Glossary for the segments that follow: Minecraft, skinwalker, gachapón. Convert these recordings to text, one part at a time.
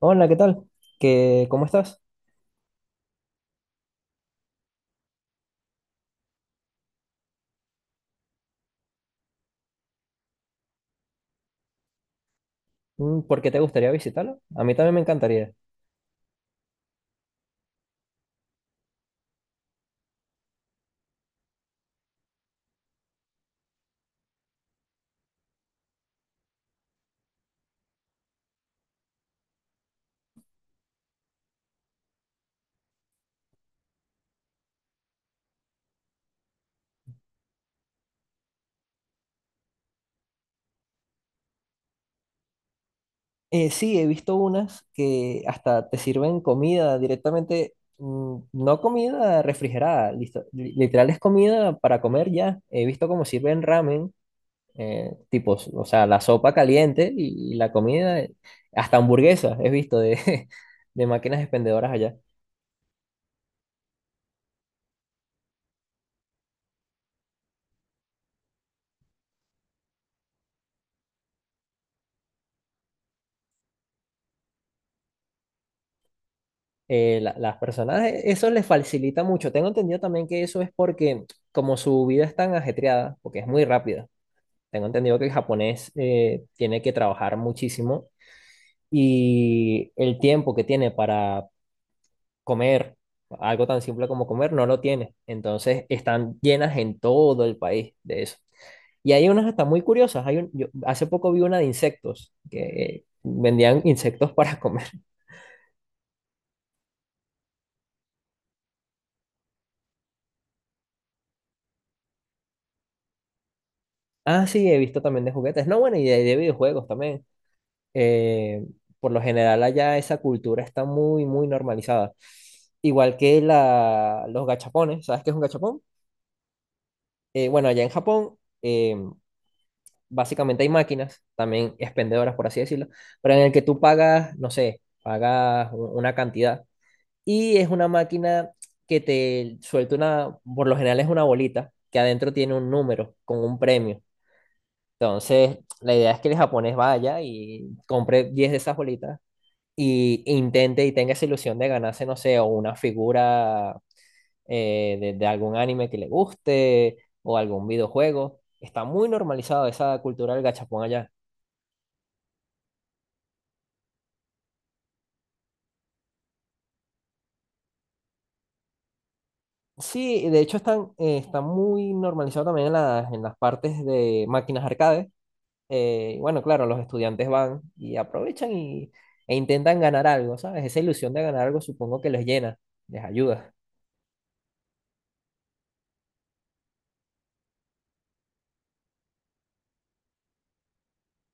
Hola, ¿qué tal? ¿Qué, cómo estás? Mm, ¿por qué te gustaría visitarlo? A mí también me encantaría. Sí, he visto unas que hasta te sirven comida directamente, no comida refrigerada, listo. Literal es comida para comer ya. He visto cómo sirven ramen, tipos, o sea, la sopa caliente y la comida, hasta hamburguesas, he visto de, de máquinas expendedoras allá. Las personas, eso les facilita mucho. Tengo entendido también que eso es porque, como su vida es tan ajetreada, porque es muy rápida, tengo entendido que el japonés tiene que trabajar muchísimo y el tiempo que tiene para comer, algo tan simple como comer, no lo tiene. Entonces, están llenas en todo el país de eso. Y hay unas hasta muy curiosas. Yo hace poco vi una de insectos, que vendían insectos para comer. Ah, sí, he visto también de juguetes. No, bueno, y de videojuegos también. eh, por lo general allá esa cultura está muy, muy normalizada. Igual que los gachapones, ¿sabes qué es un gachapón? Bueno, allá en Japón eh, básicamente hay máquinas, también expendedoras por así decirlo, pero en el que tú pagas, no sé, pagas una cantidad y es una máquina que te suelta una, por lo general es una bolita que adentro tiene un número con un premio. Entonces, la idea es que el japonés vaya y compre 10 de esas bolitas e intente y tenga esa ilusión de ganarse, no sé, o una figura de algún anime que le guste o algún videojuego. Está muy normalizado esa cultura del gachapón allá. Sí, de hecho están, está muy normalizado también en las partes de máquinas arcade. Y bueno, claro, los estudiantes van y aprovechan e intentan ganar algo, ¿sabes? Esa ilusión de ganar algo supongo que les llena, les ayuda.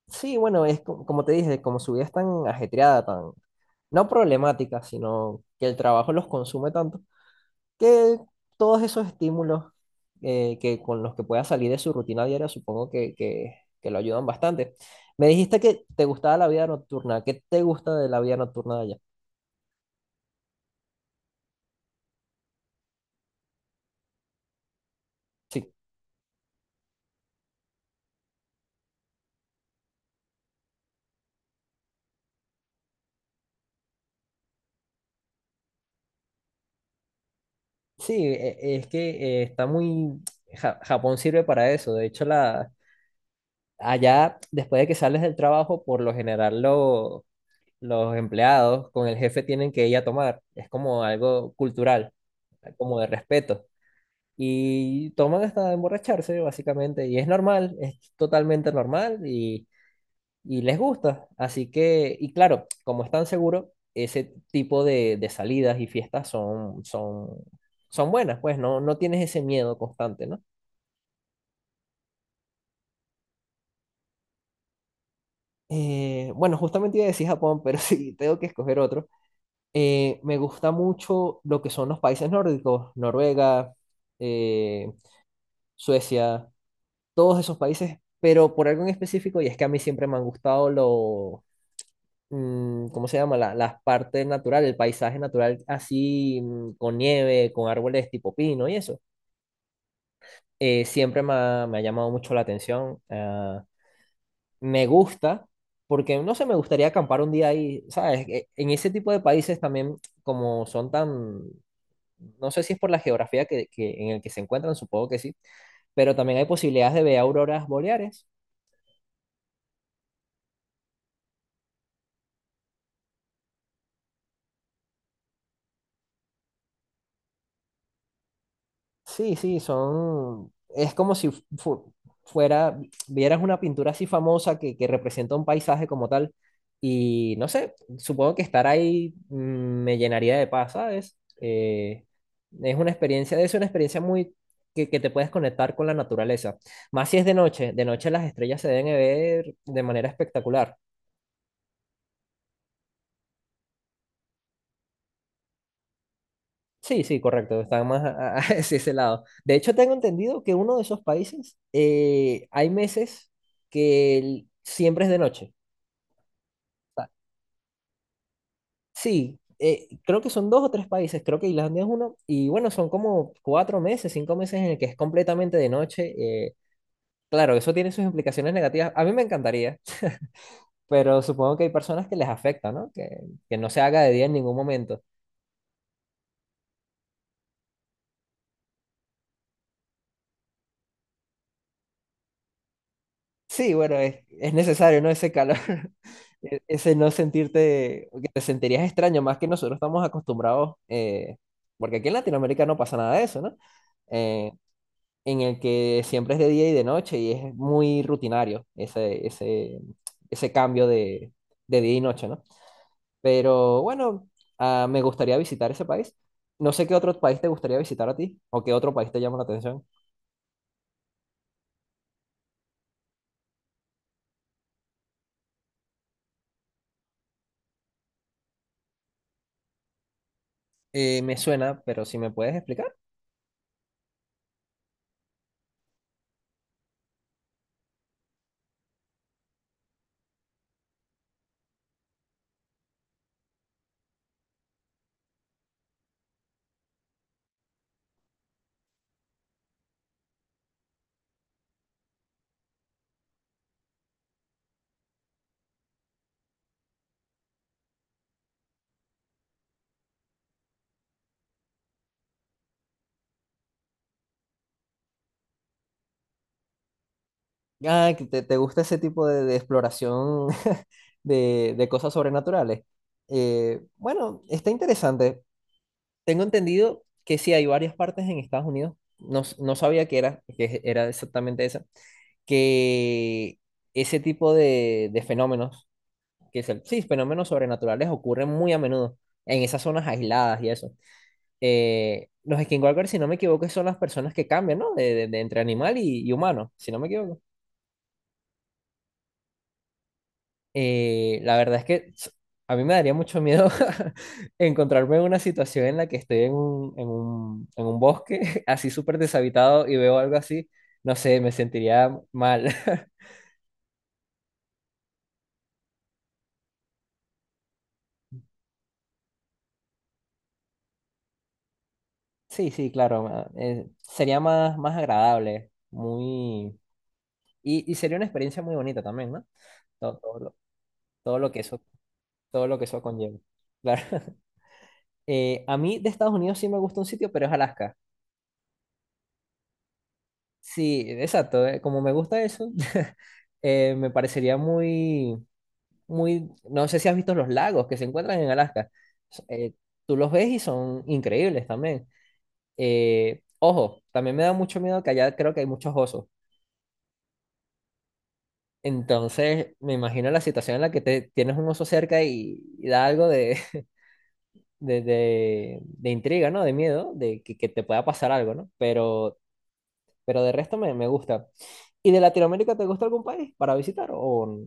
Sí, bueno, es como te dije, como su vida es tan ajetreada, tan, no problemática, sino que el trabajo los consume tanto, que todos esos estímulos que con los que pueda salir de su rutina diaria, supongo que lo ayudan bastante. Me dijiste que te gustaba la vida nocturna. ¿Qué te gusta de la vida nocturna de allá? Sí, sí, es que está muy. Japón sirve para eso. De hecho, allá, después de que sales del trabajo, por lo general los empleados con el jefe tienen que ir a tomar. Es como algo cultural, como de respeto. Y toman hasta emborracharse, básicamente, y es normal, es totalmente normal y les gusta. Así que, y claro, como están seguros, ese tipo de salidas y fiestas son buenas, pues no, no tienes ese miedo constante, ¿no? Bueno, justamente iba a decir Japón, pero sí, tengo que escoger otro. Me gusta mucho lo que son los países nórdicos, Noruega, eh, Suecia, todos esos países, pero por algo en específico, y es que a mí siempre me han gustado ¿cómo se llama? Las partes naturales, el paisaje natural así, con nieve, con árboles tipo pino y eso. Siempre me ha llamado mucho la atención. Me gusta, porque no sé, me gustaría acampar un día ahí, ¿sabes? En ese tipo de países también, como son tan, no sé si es por la geografía en el que se encuentran, supongo que sí, pero también hay posibilidades de ver auroras boreales. Sí, sí, son. Es como si fu- fuera, vieras una pintura así famosa que representa un paisaje como tal. Y no sé, supongo que estar ahí me llenaría de paz, ¿sabes? Es una experiencia muy. Que te puedes conectar con la naturaleza. Más si es de noche. De noche las estrellas se deben ver de manera espectacular. Sí, sí, correcto, está más hacia ese lado. De hecho, tengo entendido que uno de esos países hay meses que siempre es de noche. Sea. Sí, creo que son dos o tres países, creo que Islandia es uno, y bueno, son como 4 meses, 5 meses en el que es completamente de noche. Claro, eso tiene sus implicaciones negativas. A mí me encantaría, pero supongo que hay personas que les afecta, ¿no? Que no se haga de día en ningún momento. Sí, bueno, es necesario, ¿no? Ese calor, ese no sentirte, que te sentirías extraño, más que nosotros estamos acostumbrados, porque aquí en Latinoamérica no pasa nada de eso, ¿no? Eh, en el que siempre es de día y de noche y es muy rutinario ese cambio de día y noche, ¿no? Pero bueno, me gustaría visitar ese país. No sé qué otro país te gustaría visitar a ti o qué otro país te llama la atención. Me suena, pero si me puedes explicar. Que te gusta ese tipo de exploración de cosas sobrenaturales. Bueno, está interesante. Tengo entendido que sí hay varias partes en Estados Unidos. No, no sabía que era exactamente esa. Que ese tipo de fenómenos, que es sí, fenómenos sobrenaturales ocurren muy a menudo en esas zonas aisladas y eso. Los skinwalkers, si no me equivoco, son las personas que cambian, ¿no? De entre animal y humano, si no me equivoco. La verdad es que a mí me daría mucho miedo encontrarme en una situación en la que estoy en un bosque así súper deshabitado y veo algo así. No sé, me sentiría mal. Sí, sí, claro. Sería más, más agradable, muy. Y sería una experiencia muy bonita también, ¿no? Todo, todo lo, todo lo que eso, Todo lo que eso conlleva. Claro. A mí de Estados Unidos sí me gusta un sitio, pero es Alaska. Sí, exacto. Como me gusta eso, me parecería muy, muy, no sé si has visto los lagos que se encuentran en Alaska. S- eh, Tú los ves y son increíbles también. Ojo, también me da mucho miedo que allá creo que hay muchos osos. Entonces, me imagino la situación en la que tienes un oso cerca y da algo de intriga, ¿no? De miedo, de que te pueda pasar algo, ¿no? Pero de resto me gusta. ¿Y de Latinoamérica te gusta algún país para visitar o?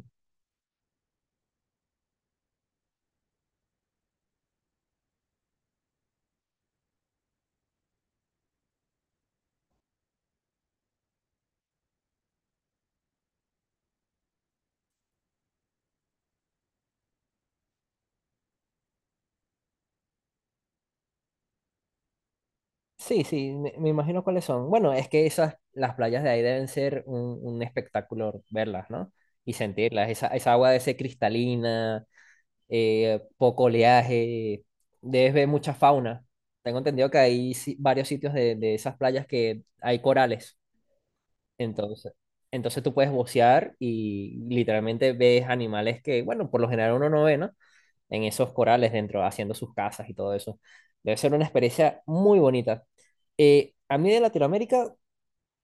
Sí, sí, me imagino cuáles son. Bueno, es que las playas de ahí deben ser un espectáculo verlas, ¿no? Y sentirlas. Esa agua debe ser cristalina, poco oleaje, debes ver mucha fauna. Tengo entendido que hay varios sitios de esas playas que hay corales. Entonces, entonces, tú puedes bucear y literalmente ves animales que, bueno, por lo general uno no ve, ¿no? En esos corales dentro, haciendo sus casas y todo eso. Debe ser una experiencia muy bonita. A mí de Latinoamérica,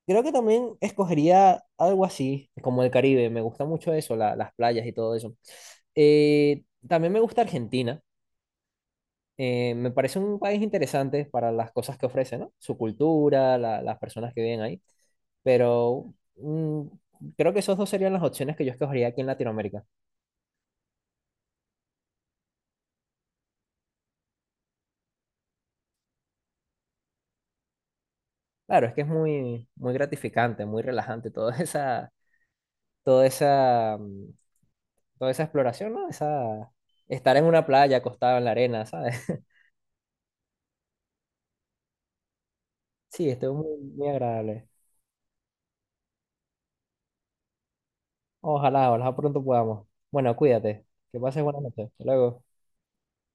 creo que también escogería algo así, como el Caribe. Me gusta mucho eso, las playas y todo eso. También me gusta Argentina. Me parece un país interesante para las cosas que ofrece, ¿no? Su cultura, las personas que viven ahí. Pero creo que esos dos serían las opciones que yo escogería aquí en Latinoamérica. Claro, es que es muy, muy gratificante, muy relajante toda esa toda esa, mm, toda esa exploración, ¿no? Estar en una playa acostado en la arena, ¿sabes? Sí, estuvo muy, muy agradable. Ojalá, ojalá pronto podamos. Bueno, cuídate. Que pases buenas noches. Hasta luego.